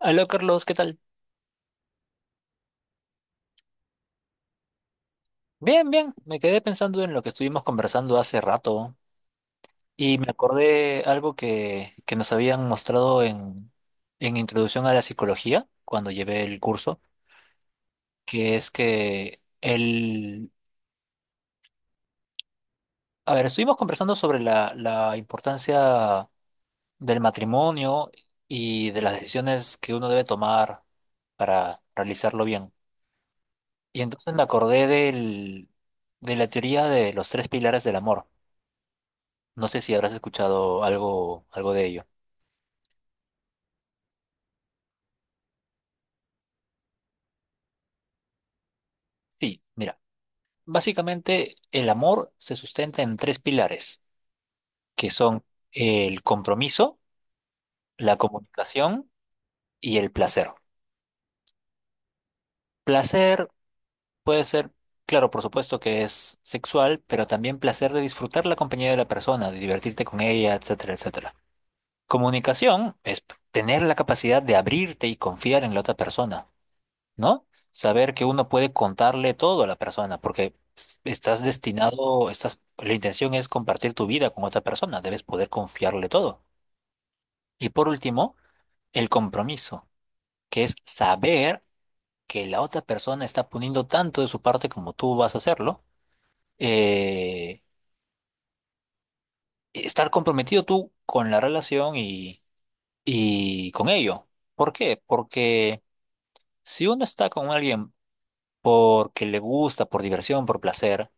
Hola Carlos, ¿qué tal? Bien, bien, me quedé pensando en lo que estuvimos conversando hace rato y me acordé algo que nos habían mostrado en Introducción a la Psicología cuando llevé el curso, que es que el... A ver, estuvimos conversando sobre la importancia del matrimonio y de las decisiones que uno debe tomar para realizarlo bien. Y entonces me acordé de la teoría de los tres pilares del amor. No sé si habrás escuchado algo de ello. Sí, mira, básicamente el amor se sustenta en tres pilares, que son el compromiso, la comunicación y el placer. Placer puede ser, claro, por supuesto que es sexual, pero también placer de disfrutar la compañía de la persona, de divertirte con ella, etcétera, etcétera. Comunicación es tener la capacidad de abrirte y confiar en la otra persona, ¿no? Saber que uno puede contarle todo a la persona, porque estás destinado, la intención es compartir tu vida con otra persona, debes poder confiarle todo. Y por último, el compromiso, que es saber que la otra persona está poniendo tanto de su parte como tú vas a hacerlo, eh, estar comprometido tú con la relación y con ello. ¿Por qué? Porque si uno está con alguien porque le gusta, por diversión, por placer,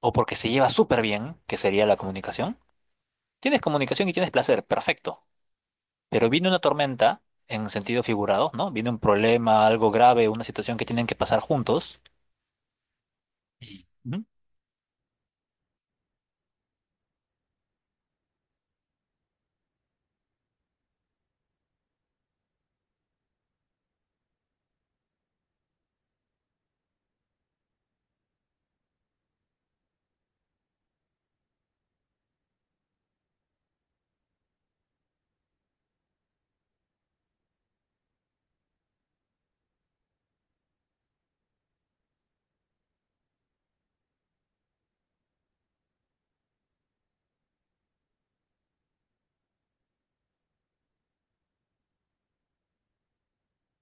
o porque se lleva súper bien, que sería la comunicación. Tienes comunicación y tienes placer, perfecto. Pero viene una tormenta en sentido figurado, ¿no? Viene un problema, algo grave, una situación que tienen que pasar juntos. Ujú.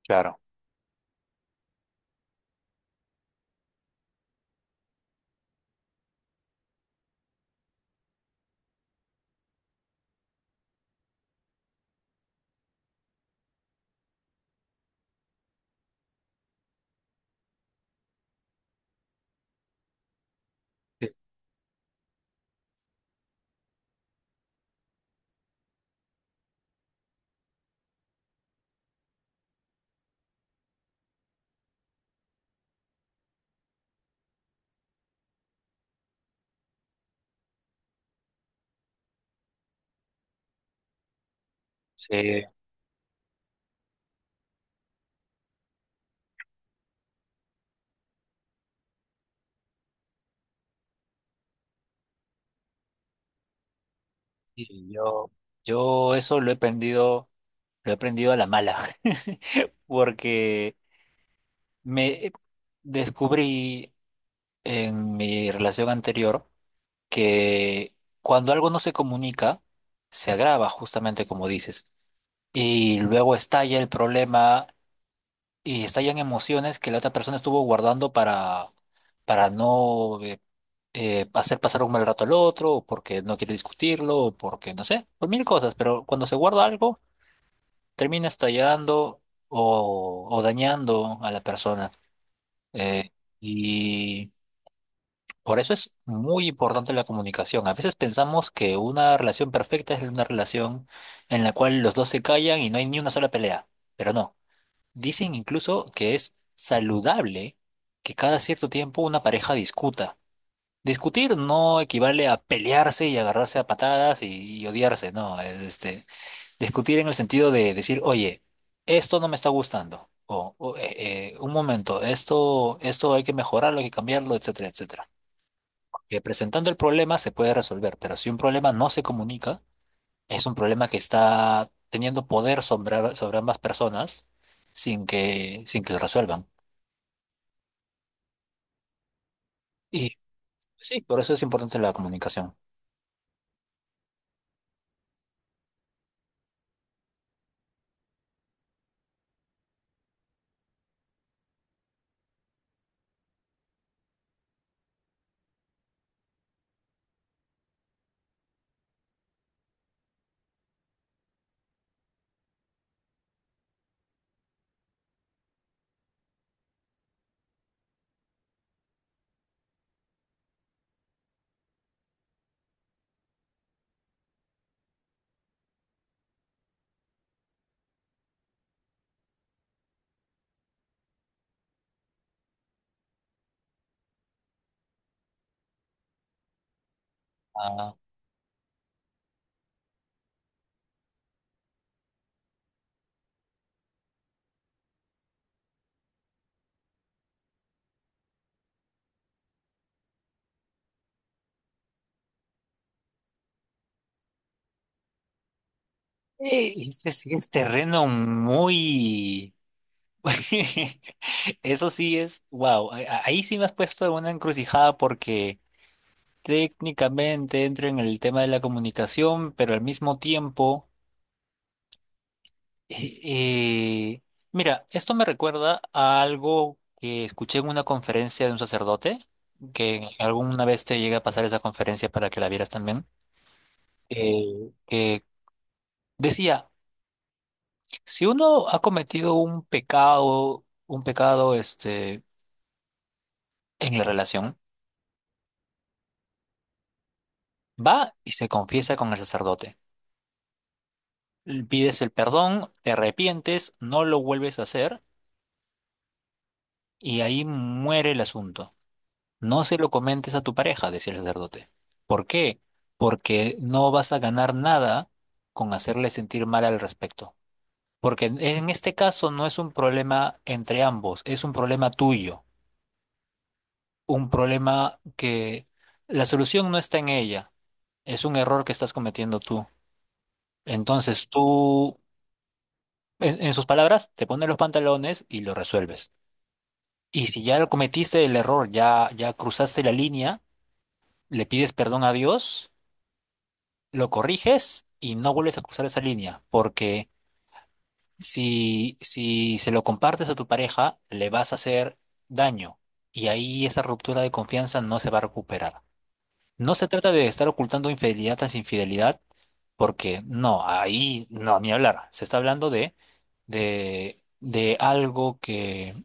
Claro. Sí, sí, sí, yo eso lo he aprendido a la mala, porque me descubrí en mi relación anterior que cuando algo no se comunica, se agrava justamente como dices. Y luego estalla el problema y estallan emociones que la otra persona estuvo guardando para no hacer pasar un mal rato al otro, o porque no quiere discutirlo, o porque no sé, por mil cosas, pero cuando se guarda algo, termina estallando o dañando a la persona. Eh, y por eso es muy importante la comunicación. A veces pensamos que una relación perfecta es una relación en la cual los dos se callan y no hay ni una sola pelea, pero no. Dicen incluso que es saludable que cada cierto tiempo una pareja discuta. Discutir no equivale a pelearse y agarrarse a patadas y odiarse, no. Discutir en el sentido de decir, oye, esto no me está gustando. Un momento, esto hay que mejorarlo, hay que cambiarlo, etcétera, etcétera. Que presentando el problema se puede resolver, pero si un problema no se comunica, es un problema que está teniendo poder sobre ambas personas sin que lo resuelvan. Y sí, por eso es importante la comunicación. Ah, ese sí es terreno muy... Eso sí es, wow, ahí sí me has puesto en una encrucijada porque técnicamente entro en el tema de la comunicación, pero al mismo tiempo, eh, eh, mira, esto me recuerda a algo que escuché en una conferencia de un sacerdote, que alguna vez te llega a pasar esa conferencia para que la vieras también, eh, que decía... Si uno ha cometido un pecado este, en la relación, va y se confiesa con el sacerdote. Pides el perdón, te arrepientes, no lo vuelves a hacer y ahí muere el asunto. No se lo comentes a tu pareja, decía el sacerdote. ¿Por qué? Porque no vas a ganar nada con hacerle sentir mal al respecto. Porque en este caso no es un problema entre ambos, es un problema tuyo. Un problema que la solución no está en ella, es un error que estás cometiendo tú. Entonces tú, en sus palabras, te pones los pantalones y lo resuelves. Y si ya lo cometiste el error, ya, ya cruzaste la línea, le pides perdón a Dios, lo corriges y no vuelves a cruzar esa línea, porque si se lo compartes a tu pareja, le vas a hacer daño y ahí esa ruptura de confianza no se va a recuperar. No se trata de estar ocultando infidelidad tras infidelidad, porque no, ahí no, ni hablar. Se está hablando de algo que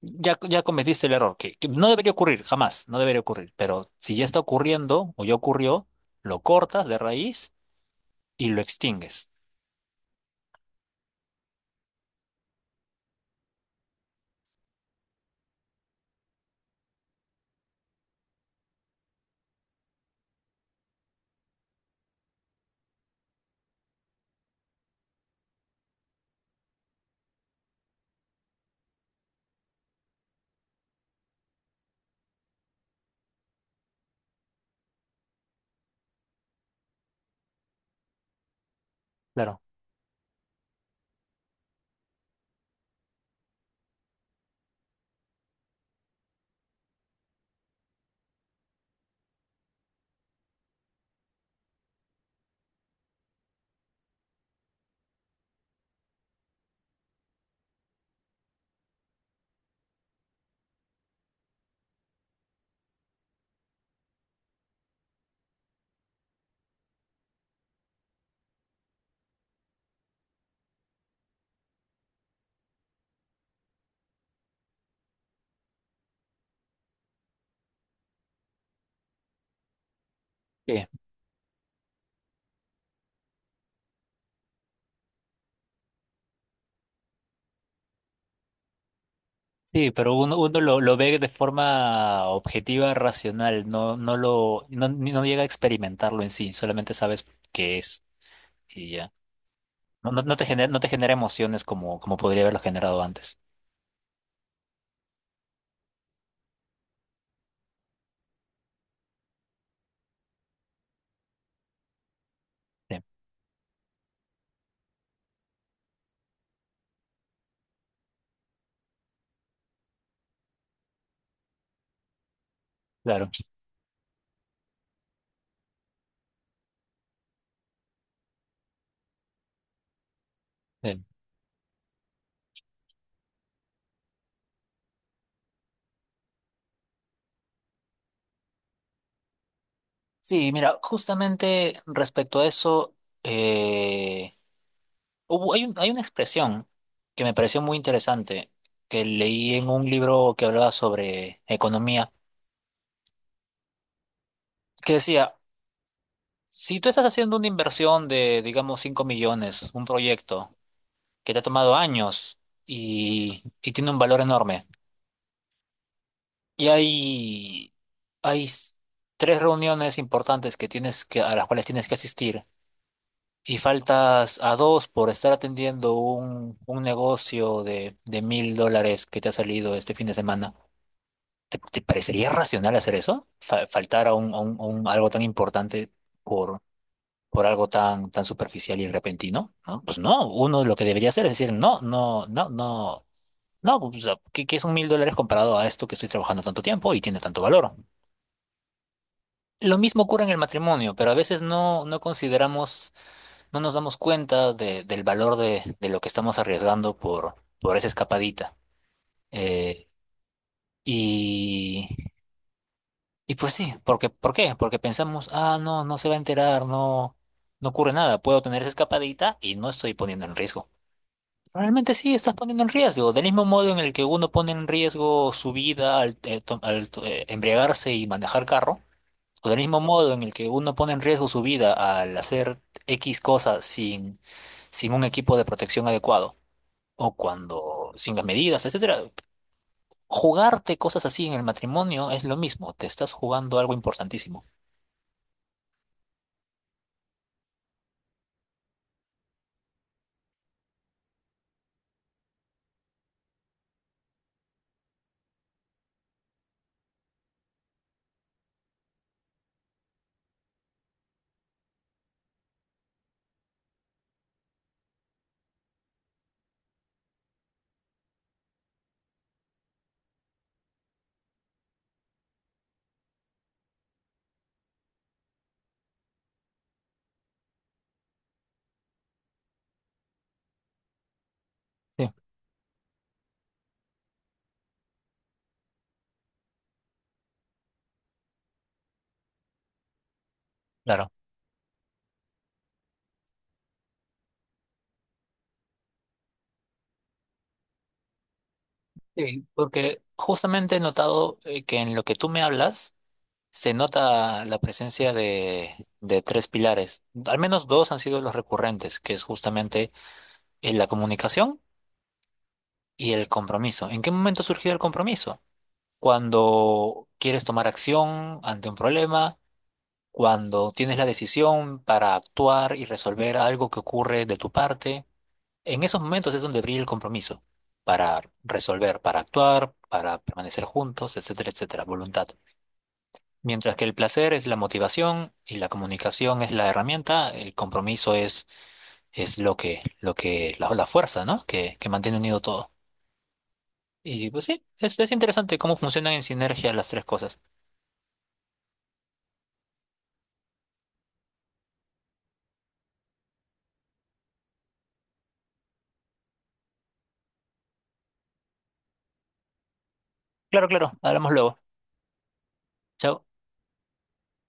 ya, ya cometiste el error, que no debería ocurrir, jamás, no debería ocurrir. Pero si ya está ocurriendo o ya ocurrió, lo cortas de raíz y lo extingues. Claro. Sí, sí, pero uno lo ve de forma objetiva, racional, no, no lo, no, no llega a experimentarlo en sí, solamente sabes qué es. Y ya. No, no, no te genera, no te genera emociones como, como podría haberlo generado antes. Sí, claro. Sí, sí, mira, justamente respecto a eso, eh, hay una expresión que me pareció muy interesante, que leí en un libro que hablaba sobre economía, que decía, si tú estás haciendo una inversión de, digamos, 5 millones, un proyecto que te ha tomado años y tiene un valor enorme. Y hay tres reuniones importantes que tienes que, a las cuales tienes que asistir. Y faltas a dos por estar atendiendo un negocio de 1000 dólares que te ha salido este fin de semana. ¿Te, te parecería racional hacer eso? Faltar a algo tan importante por, por algo tan, tan superficial y repentino, ¿no? Pues no, uno lo que debería hacer es decir, no, no, no, no, no, pues, o sea, qué son 1000 dólares comparado a esto que estoy trabajando tanto tiempo y tiene tanto valor? Lo mismo ocurre en el matrimonio, pero a veces no, no consideramos, no nos damos cuenta del valor de lo que estamos arriesgando por esa escapadita. Eh, y, y pues sí, porque, ¿por qué? Porque pensamos, ah, no, no se va a enterar, no, no ocurre nada, puedo tener esa escapadita y no estoy poniendo en riesgo. Realmente sí, estás poniendo en riesgo, del mismo modo en el que uno pone en riesgo su vida al embriagarse y manejar carro. O del mismo modo en el que uno pone en riesgo su vida al hacer X cosas sin un equipo de protección adecuado, o cuando sin las medidas, etcétera. Jugarte cosas así en el matrimonio es lo mismo, te estás jugando algo importantísimo. Sí, claro. Sí, porque justamente he notado que en lo que tú me hablas se nota la presencia de tres pilares. Al menos dos han sido los recurrentes, que es justamente la comunicación y el compromiso. ¿En qué momento surgió el compromiso? Cuando quieres tomar acción ante un problema, cuando tienes la decisión para actuar y resolver algo que ocurre de tu parte. En esos momentos es donde brilla el compromiso, para resolver, para actuar, para permanecer juntos, etcétera, etcétera, voluntad. Mientras que el placer es la motivación y la comunicación es la herramienta, el compromiso es lo que, la fuerza, ¿no? Que mantiene unido todo. Y pues sí, es interesante cómo funcionan en sinergia las tres cosas. Claro, claro, hablamos luego. Chao.